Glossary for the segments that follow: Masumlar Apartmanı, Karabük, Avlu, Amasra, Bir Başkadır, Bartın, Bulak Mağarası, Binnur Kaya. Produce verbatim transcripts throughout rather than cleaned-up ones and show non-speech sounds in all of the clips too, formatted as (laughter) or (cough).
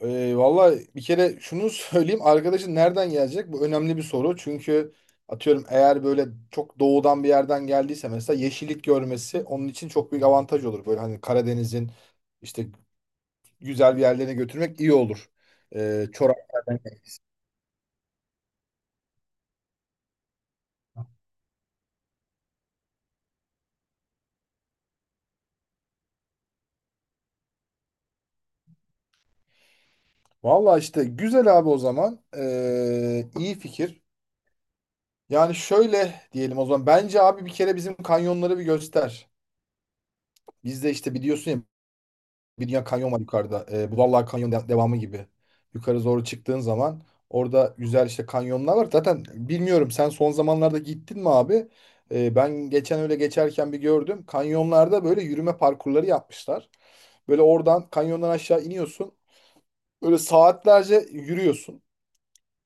Ee, Valla bir kere şunu (laughs) söyleyeyim. Arkadaşın nereden gelecek? Bu önemli bir soru. Çünkü atıyorum eğer böyle çok doğudan bir yerden geldiyse mesela yeşillik görmesi onun için çok büyük avantaj olur. Böyle hani Karadeniz'in işte güzel bir yerlerine götürmek iyi olur. Ee, Çorak. Valla işte güzel abi o zaman. Ee, iyi fikir. Yani şöyle diyelim o zaman. Bence abi bir kere bizim kanyonları bir göster. Bizde işte biliyorsun ya, bir dünya kanyon var yukarıda. E, Budallar Kanyon de- devamı gibi. Yukarı doğru çıktığın zaman orada güzel işte kanyonlar var. Zaten bilmiyorum, sen son zamanlarda gittin mi abi? E, ben geçen öyle geçerken bir gördüm. Kanyonlarda böyle yürüme parkurları yapmışlar. Böyle oradan kanyondan aşağı iniyorsun. Böyle saatlerce yürüyorsun.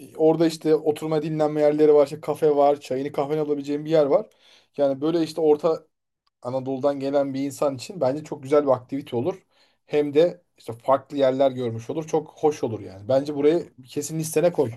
E, Orada işte oturma dinlenme yerleri var. İşte kafe var. Çayını kahveni alabileceğin bir yer var. Yani böyle işte orta Anadolu'dan gelen bir insan için bence çok güzel bir aktivite olur. Hem de işte farklı yerler görmüş olur. Çok hoş olur yani. Bence burayı kesin listene koy.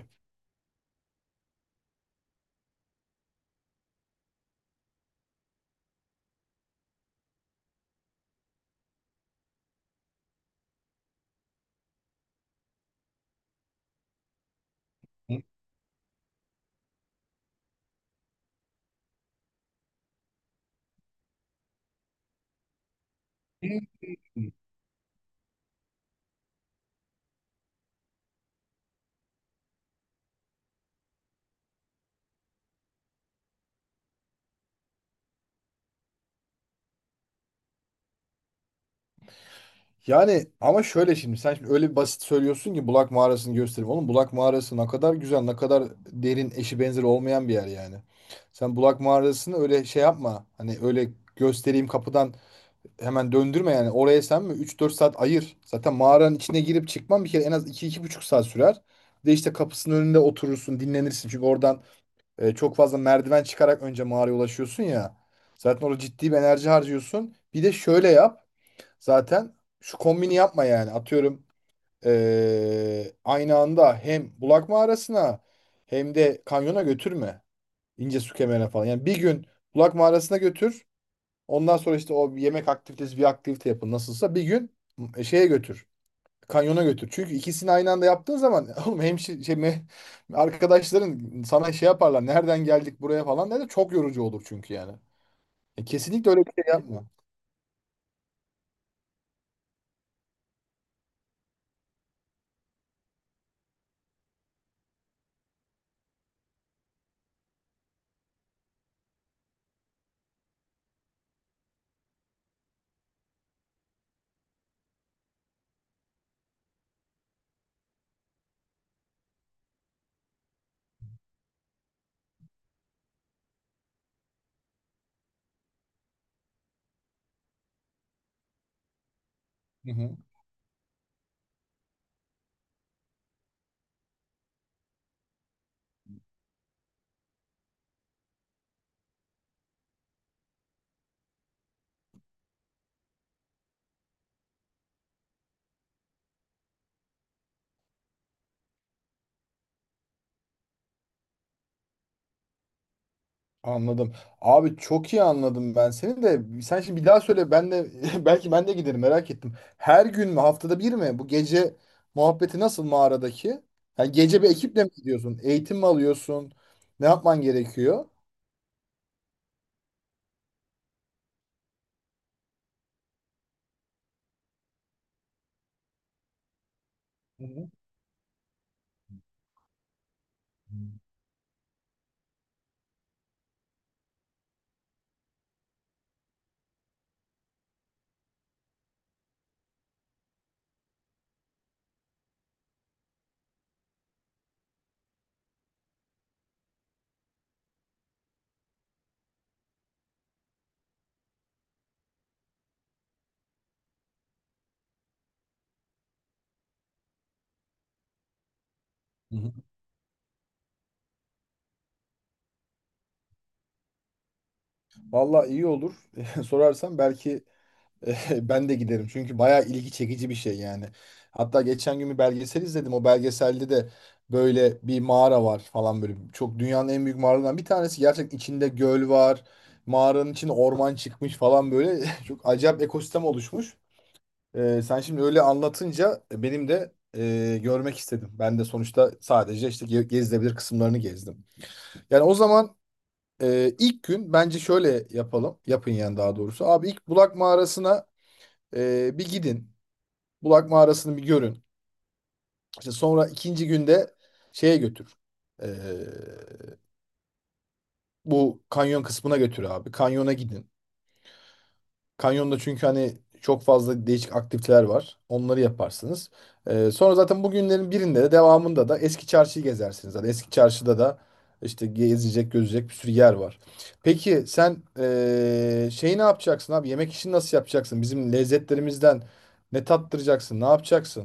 Yani ama şöyle, şimdi sen şimdi öyle bir basit söylüyorsun ki Bulak Mağarası'nı göstereyim. Oğlum Bulak Mağarası ne kadar güzel, ne kadar derin, eşi benzeri olmayan bir yer yani. Sen Bulak Mağarası'nı öyle şey yapma. Hani öyle göstereyim kapıdan hemen döndürme yani. Oraya sen mi üç dört saat ayır. Zaten mağaranın içine girip çıkman bir kere en az iki iki buçuk saat sürer. Bir de işte kapısının önünde oturursun, dinlenirsin. Çünkü oradan e, çok fazla merdiven çıkarak önce mağaraya ulaşıyorsun ya. Zaten orada ciddi bir enerji harcıyorsun. Bir de şöyle yap. Zaten şu kombini yapma yani. Atıyorum e, aynı anda hem Bulak Mağarası'na hem de kanyona götürme. İnce su kemerine falan. Yani bir gün Bulak Mağarası'na götür. Ondan sonra işte o yemek aktivitesi bir aktivite yapın nasılsa, bir gün e, şeye götür. Kanyona götür. Çünkü ikisini aynı anda yaptığın zaman (laughs) oğlum hemşi şey me- arkadaşların sana şey yaparlar. Nereden geldik buraya falan derler. Çok yorucu olur çünkü yani. E, kesinlikle öyle bir şey yapma. Hı hı. Anladım. Abi çok iyi anladım ben seni de. Sen şimdi bir daha söyle, ben de (laughs) belki ben de giderim, merak ettim. Her gün mü, haftada bir mi? Bu gece muhabbeti nasıl mağaradaki? Yani gece bir ekiple mi gidiyorsun? Eğitim mi alıyorsun? Ne yapman gerekiyor? Hı hı. Hı hı. Vallahi iyi olur. (laughs) Sorarsan belki (laughs) ben de giderim çünkü bayağı ilgi çekici bir şey yani. Hatta geçen gün bir belgesel izledim. O belgeselde de böyle bir mağara var falan böyle. Çok dünyanın en büyük mağaralarından bir tanesi. Gerçekten içinde göl var. Mağaranın içine orman çıkmış falan böyle. (laughs) Çok acayip ekosistem oluşmuş. Ee, sen şimdi öyle anlatınca benim de e, görmek istedim. Ben de sonuçta sadece işte ge- gezilebilir kısımlarını gezdim. Yani o zaman e, ilk gün bence şöyle yapalım. Yapın yani daha doğrusu. Abi ilk Bulak Mağarası'na e, bir gidin. Bulak mağarasını bir görün. İşte sonra ikinci günde şeye götür. Ee, Bu kanyon kısmına götür abi. Kanyona gidin. Kanyonda çünkü hani çok fazla değişik aktiviteler var. Onları yaparsınız. Ee, sonra zaten bugünlerin birinde de devamında da eski çarşıyı gezersiniz. Zaten eski çarşıda da işte gezecek, gözecek bir sürü yer var. Peki sen ee, şeyi ne yapacaksın abi? Yemek işini nasıl yapacaksın? Bizim lezzetlerimizden ne tattıracaksın? Ne yapacaksın?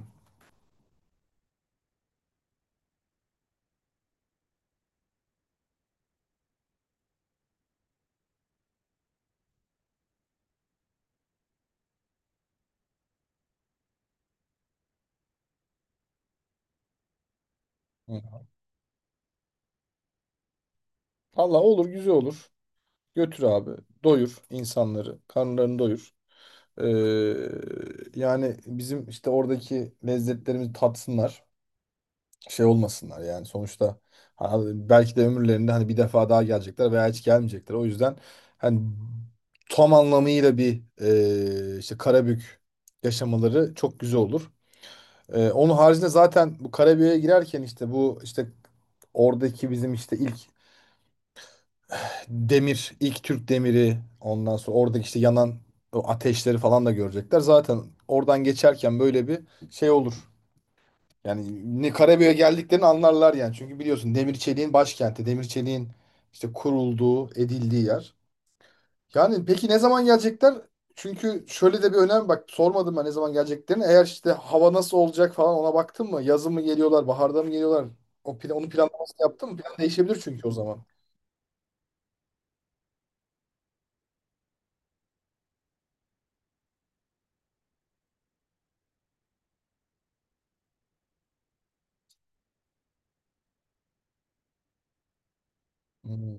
Hı. Valla olur, güzel olur. Götür abi. Doyur insanları. Karnlarını doyur. Ee, yani bizim işte oradaki lezzetlerimizi tatsınlar. Şey olmasınlar yani sonuçta, ha, belki de ömürlerinde hani bir defa daha gelecekler veya hiç gelmeyecekler. O yüzden hani tam anlamıyla bir e, işte Karabük yaşamaları çok güzel olur. Ee, onun haricinde zaten bu Karabük'e girerken işte bu işte oradaki bizim işte ilk demir, ilk Türk demiri, ondan sonra oradaki işte yanan o ateşleri falan da görecekler. Zaten oradan geçerken böyle bir şey olur. Yani ne Karabük'e geldiklerini anlarlar yani. Çünkü biliyorsun demir çeliğin başkenti, demir çeliğin işte kurulduğu, edildiği yer. Yani peki ne zaman gelecekler? Çünkü şöyle de bir önem, bak sormadım ben ne zaman geleceklerini. Eğer işte hava nasıl olacak falan, ona baktın mı? Yazın mı geliyorlar, baharda mı geliyorlar? O plan, onun planlamasını yaptın mı? Plan değişebilir çünkü o zaman. Hmm.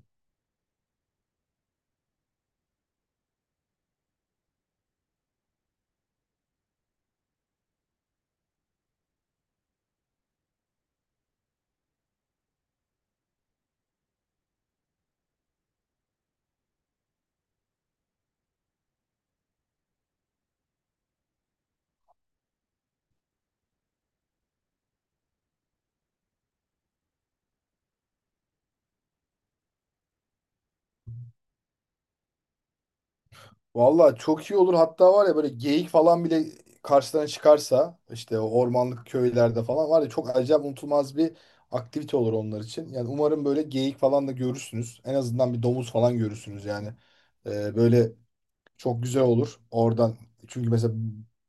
Valla çok iyi olur. Hatta var ya böyle geyik falan bile karşılarına çıkarsa işte o ormanlık köylerde falan var ya, çok acayip unutulmaz bir aktivite olur onlar için. Yani umarım böyle geyik falan da görürsünüz. En azından bir domuz falan görürsünüz yani. Ee, böyle çok güzel olur oradan. Çünkü mesela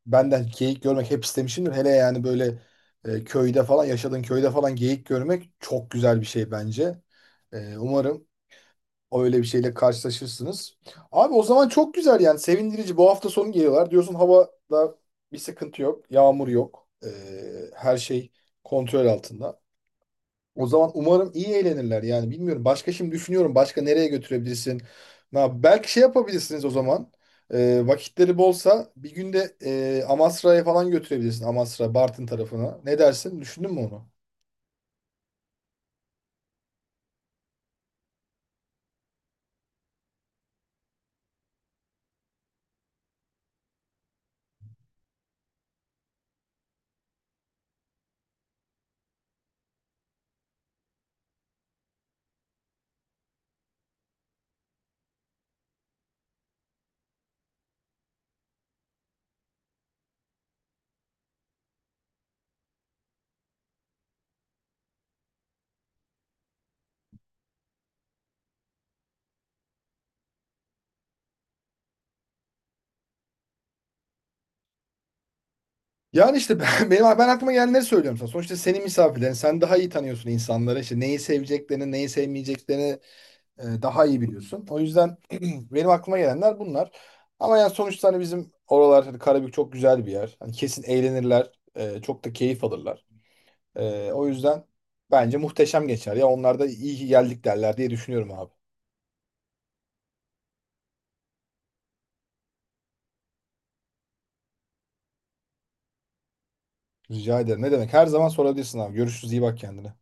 ben de geyik görmek hep istemişimdir. Hele yani böyle e, köyde falan yaşadığın köyde falan geyik görmek çok güzel bir şey bence. Ee, umarım. Öyle bir şeyle karşılaşırsınız. Abi o zaman çok güzel yani, sevindirici. Bu hafta sonu geliyorlar. Diyorsun havada bir sıkıntı yok. Yağmur yok. Ee, her şey kontrol altında. O zaman umarım iyi eğlenirler yani bilmiyorum. Başka şimdi düşünüyorum. Başka nereye götürebilirsin? Na, belki şey yapabilirsiniz o zaman. Ee, vakitleri bolsa bir günde e, Amasra'ya falan götürebilirsin. Amasra, Bartın tarafına. Ne dersin? Düşündün mü onu? Yani işte ben, (laughs) benim, ben aklıma gelenleri söylüyorum sana. Sonuçta senin misafirlerin. Sen daha iyi tanıyorsun insanları. İşte neyi seveceklerini, neyi sevmeyeceklerini e, daha iyi biliyorsun. O yüzden benim aklıma gelenler bunlar. Ama yani sonuçta hani bizim oralar, hani Karabük çok güzel bir yer. Hani kesin eğlenirler, e, çok da keyif alırlar. E, o yüzden bence muhteşem geçer. Ya onlar da iyi ki geldik derler diye düşünüyorum abi. Rica ederim. Ne demek? Her zaman sorabilirsin abi. Görüşürüz. İyi bak kendine.